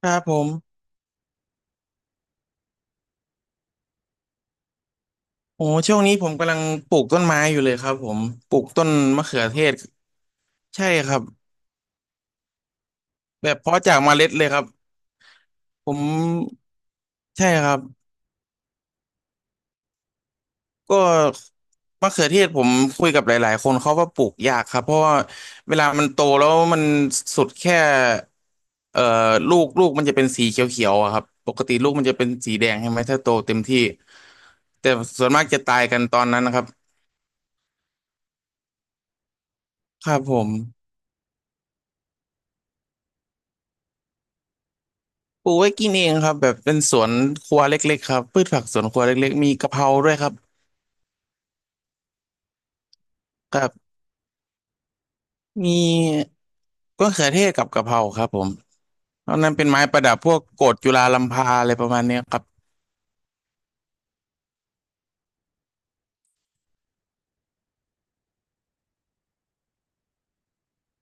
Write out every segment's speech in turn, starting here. ครับผมโอ้ช่วงนี้ผมกำลังปลูกต้นไม้อยู่เลยครับผมปลูกต้นมะเขือเทศใช่ครับแบบเพาะจากเมล็ดเลยครับผมใช่ครับก็มะเขือเทศผมคุยกับหลายๆคนเขาว่าปลูกยากครับเพราะว่าเวลามันโตแล้วมันสุดแค่เอ่อลูกมันจะเป็นสีเขียวๆอะครับปกติลูกมันจะเป็นสีแดงใช่ไหมถ้าโตเต็มที่แต่ส่วนมากจะตายกันตอนนั้นนะครับครับผม ปลูกไว้กินเองครับแบบเป็นสวนครัวเล็กๆครับพืชผักสวนครัวเล็กๆมีกะเพราด้วยครับกับมีมะเขือเทศกับกะเพราครับผมตอนนั้นเป็นไม้ประดับพวกโกฐจุฬาลัมพาอะไรประมาณเนี้ยครับ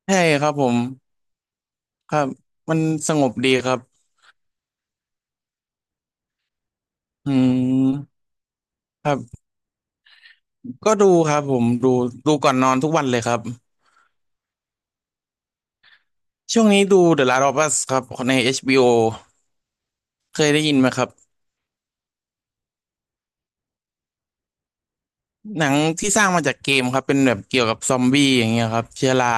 ใช่ครับผมครับมันสงบดีครับอืมครับก็ดูครับผมดูดูก่อนนอนทุกวันเลยครับช่วงนี้ดู The Last of Us ครับใน HBO เคยได้ยินไหมครับหนังที่สร้างมาจากเกมครับเป็นแบบเกี่ยวกับซอมบี้อย่างเงี้ยครับเชื้อรา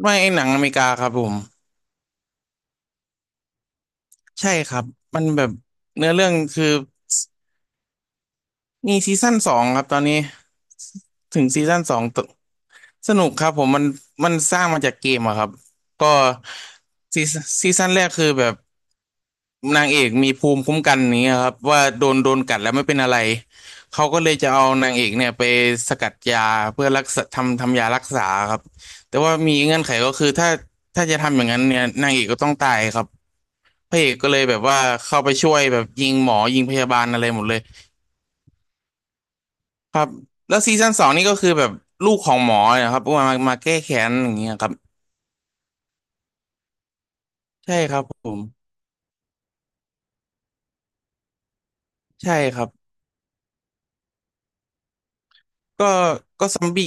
ไม่หนังอเมริกาครับผมใช่ครับมันแบบเนื้อเรื่องคือมีซีซั่นสองครับตอนนี้ถึงซีซั่นสองตสนุกครับผมมันมันสร้างมาจากเกมอะครับก็ซีซนซีซั่นแรกคือแบบนางเอกมีภูมิคุ้มกันนี้ยครับว่าโดนโดนกัดแล้วไม่เป็นอะไรเขาก็เลยจะเอานางเอกเนี่ยไปสกัดยาเพื่อรักษาทำทำยารักษาครับแต่ว่ามีเงื่อนไขก็คือถ้าถ้าจะทำอย่างนั้นเนี่ยนางเอกก็ต้องตายครับ พระเอกก็เลยแบบว่าเข้าไปช่วยแบบยิงหมอยิงพยาบาลอะไรหมดเลยครับแล้วซีซั่นสองนี่ก็คือแบบลูกของหมอเนะครับมามามาแก้แค้นอย่างเงี้ยครับใช่ครับผมใช่ครับก็ก็ซอมบี้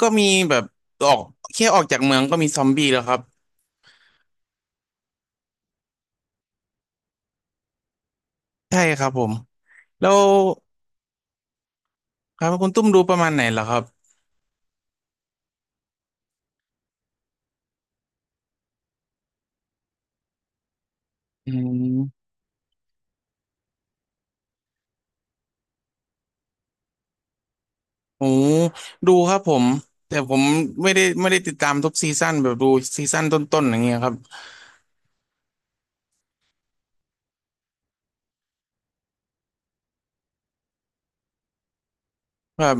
ก็มีแบบออกแค่ออกจากเมืองก็มีซอมบี้แล้วครับใช่ครับผมแล้วครับคุณตุ้มดูประมาณไหนเหรอครับอืมโอ้ดูครับผมแต่ผมไม่ได้ติดตามทุกซีซั่นแบบดูซีซั่นต้นๆอย่างเงี้ยครับแบบ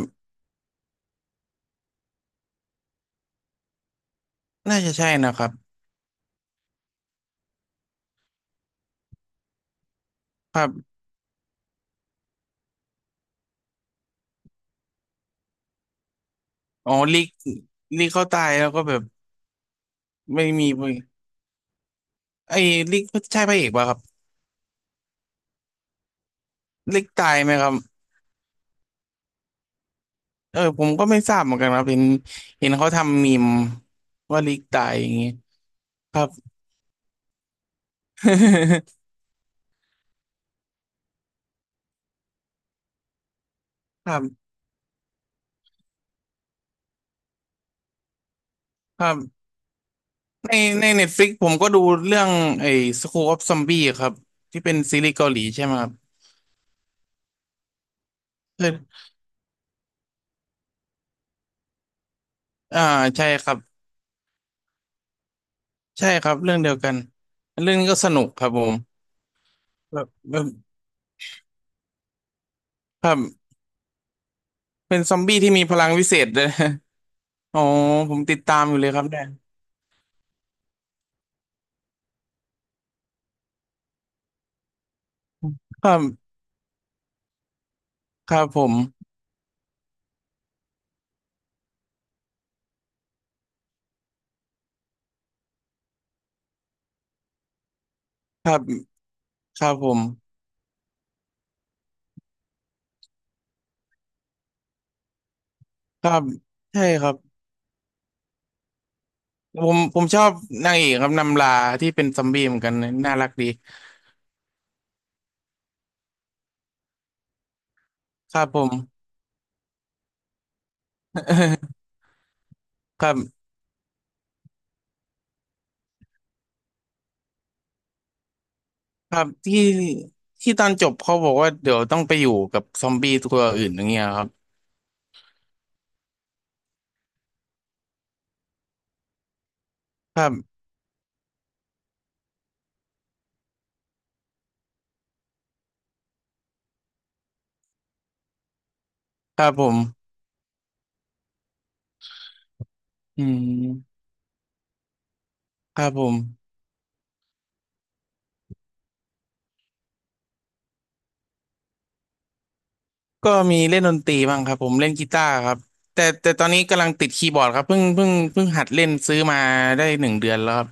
น่าจะใช่นะครับครั อ๋อลิกลิกเขาตายแล้วก็แบบไม่มีเว้ยไอ้ลิกใช่พระเอกป่ะครับลิกตายไหมครับเออผมก็ไม่ทราบเหมือนกันครับเห็นเห็นเขาทำมีมว่าลิกตายอย่างงี้ครับ ครับครับในในเน็ตฟลิกผมก็ดูเรื่องไอ้ School of Zombie ครับที่เป็นซีรีส์เกาหลีใช่ไหมครับเอออ่าใช่ครับใช่ครับเรื่องเดียวกันเรื่องนี้ก็สนุกครับผมแบบแบบครับเป็นซอมบี้ที่มีพลังวิเศษเลย อ๋อผมติดตามอยู่เลยครับเนี่ยครับครับผมครับครับผมครับใช่ครับผมผมชอบนางเอกครับนำลาที่เป็นซอมบี้เหมือนกันนะน่ารักดีครับผม ครับครับที่ที่ตอนจบเขาบอกว่าเดี๋ยวต้องไปอยู่กับซอมบี้ตัวอื่นอย่างเงี้ยครับครับครับผมอืมครับผมก็มีเล่นดนตรีบ้างครับผมเล่นกีตาร์ครับแต่แต่ตอนนี้กำลังติดคีย์บอร์ดครับเพิ่งหัดเล่นซื้อมาได้1 เดือนแล้วครับ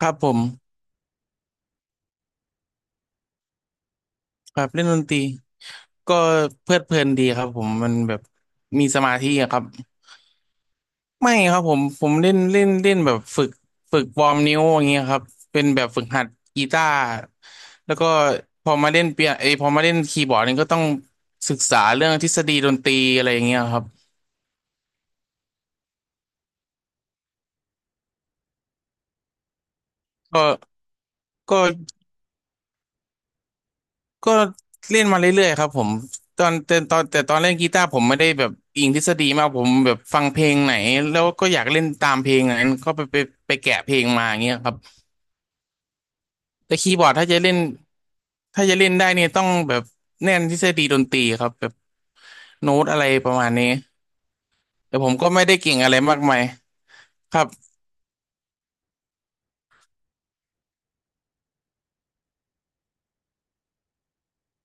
ครับผม ครับเล่นดนตรีก็เพลิดเพลินดีครับผมมันแบบมีสมาธิอะครับไม่ครับผมผมเล่นเล่นเล่นแบบฝึกฝึกวอร์มนิ้วอย่างเงี้ยครับเป็นแบบฝึกหัดกีตาร์แล้วก็พอมาเล่นเปียเอยพอมาเล่นคีย์บอร์ดนี่ก็ต้องศึกษาเรื่องทฤษฎีดนตรีอะไรอย่างเงี้ยครับก็ก็ ก็เล่นมาเรื่อยๆครับผมตอนเล่นกีตาร์ผมไม่ได้แบบอิงทฤษฎีมากผมแบบฟังเพลงไหนแล้วก็อยากเล่นตามเพลงนั้นก็ไปแกะเพลงมาอย่างเงี้ยครับแต่คีย์บอร์ดถ้าจะเล่นถ้าจะเล่นได้เนี่ยต้องแบบแน่นทฤษฎีดนตรีครับแบบโน้ตอะไรประมาณนี้แต่ผมก็ไม่ได้เก่งอะไรมากมายครับ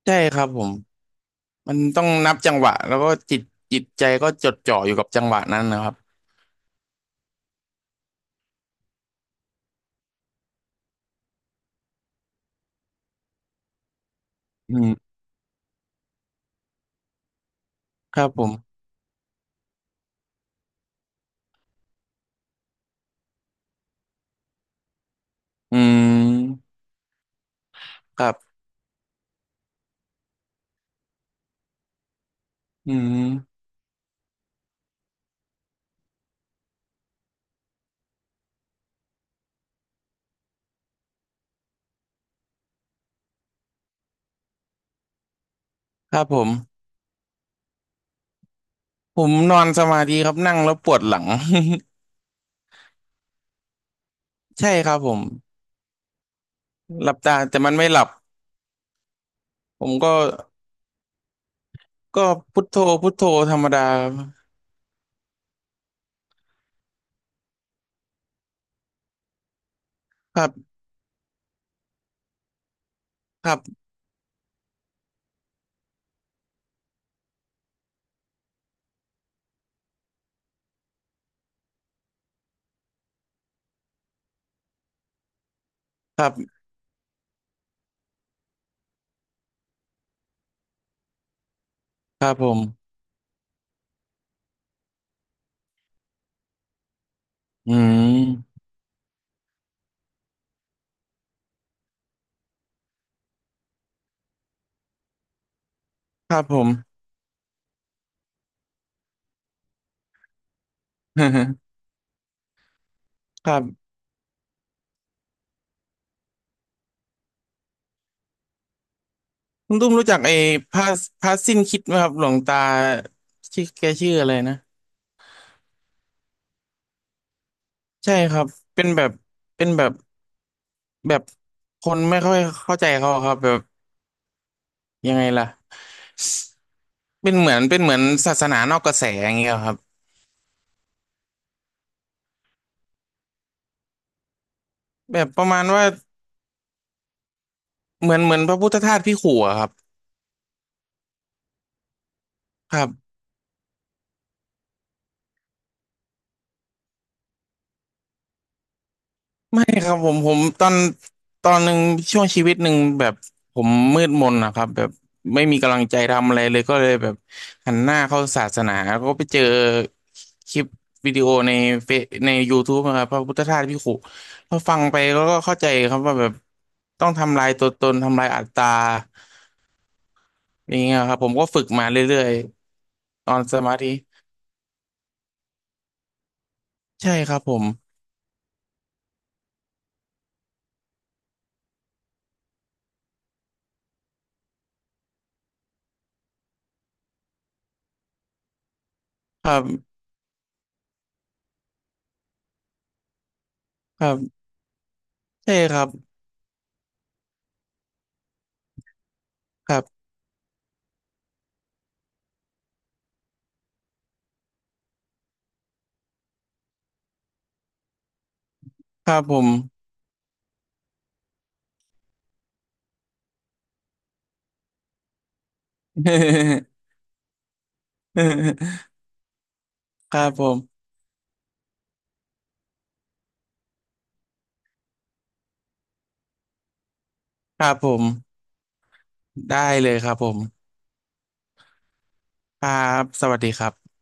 ใช่ครับผมมันต้องนับจังหวะแล้วก็จิตจิตใจก็จดจ่ออยู่กับจังหวะนั้นนะครับอืมครับผมอืมครับอืม ครับผมผมนอนสมาธิครับนั่งแล้วปวดหลัง ใช่ครับผมหลับตาแต่มันไม่หลับผมก็ก็พุทโธพุทโธธรรมดาครับครับครับครับผมอืมครับผม ครับคุณตุ้มรู้จักไอ้พระพระสิ้นคิดไหมครับหลวงตาชื่อแกชื่ออะไรนะใช่ครับเป็นแบบเป็นแบบแบบคนไม่ค่อยเข้าใจเขาครับแบบยังไงล่ะเป็นเหมือนศาสนานอกกระแสอย่างเงี้ยครับ แบบประมาณว่าเหมือนพระพุทธทาสพี่ขู่อะครับครับไม่ครับผมผมตอนหนึ่งช่วงชีวิตหนึ่งแบบผมมืดมนนะครับแบบไม่มีกำลังใจทำอะไรเลยก็เลยแบบหันหน้าเข้าศาสนาก็ไปเจอคลิปวิดีโอในเฟซใน YouTube นะครับพระพุทธทาสพี่ขู่พอฟังไปแล้วก็เข้าใจครับว่าแบบต้องทำลายตัวตนทำลายอัตตาอย่างเงี้ยครับผมก็ฝึกมาเรื่อยๆตอนสมาธิใช่ครับผมครับครับใช่ครับ ครับผม ครับผม ครับผม ได้เลยครับผมครับสวัสดีครับ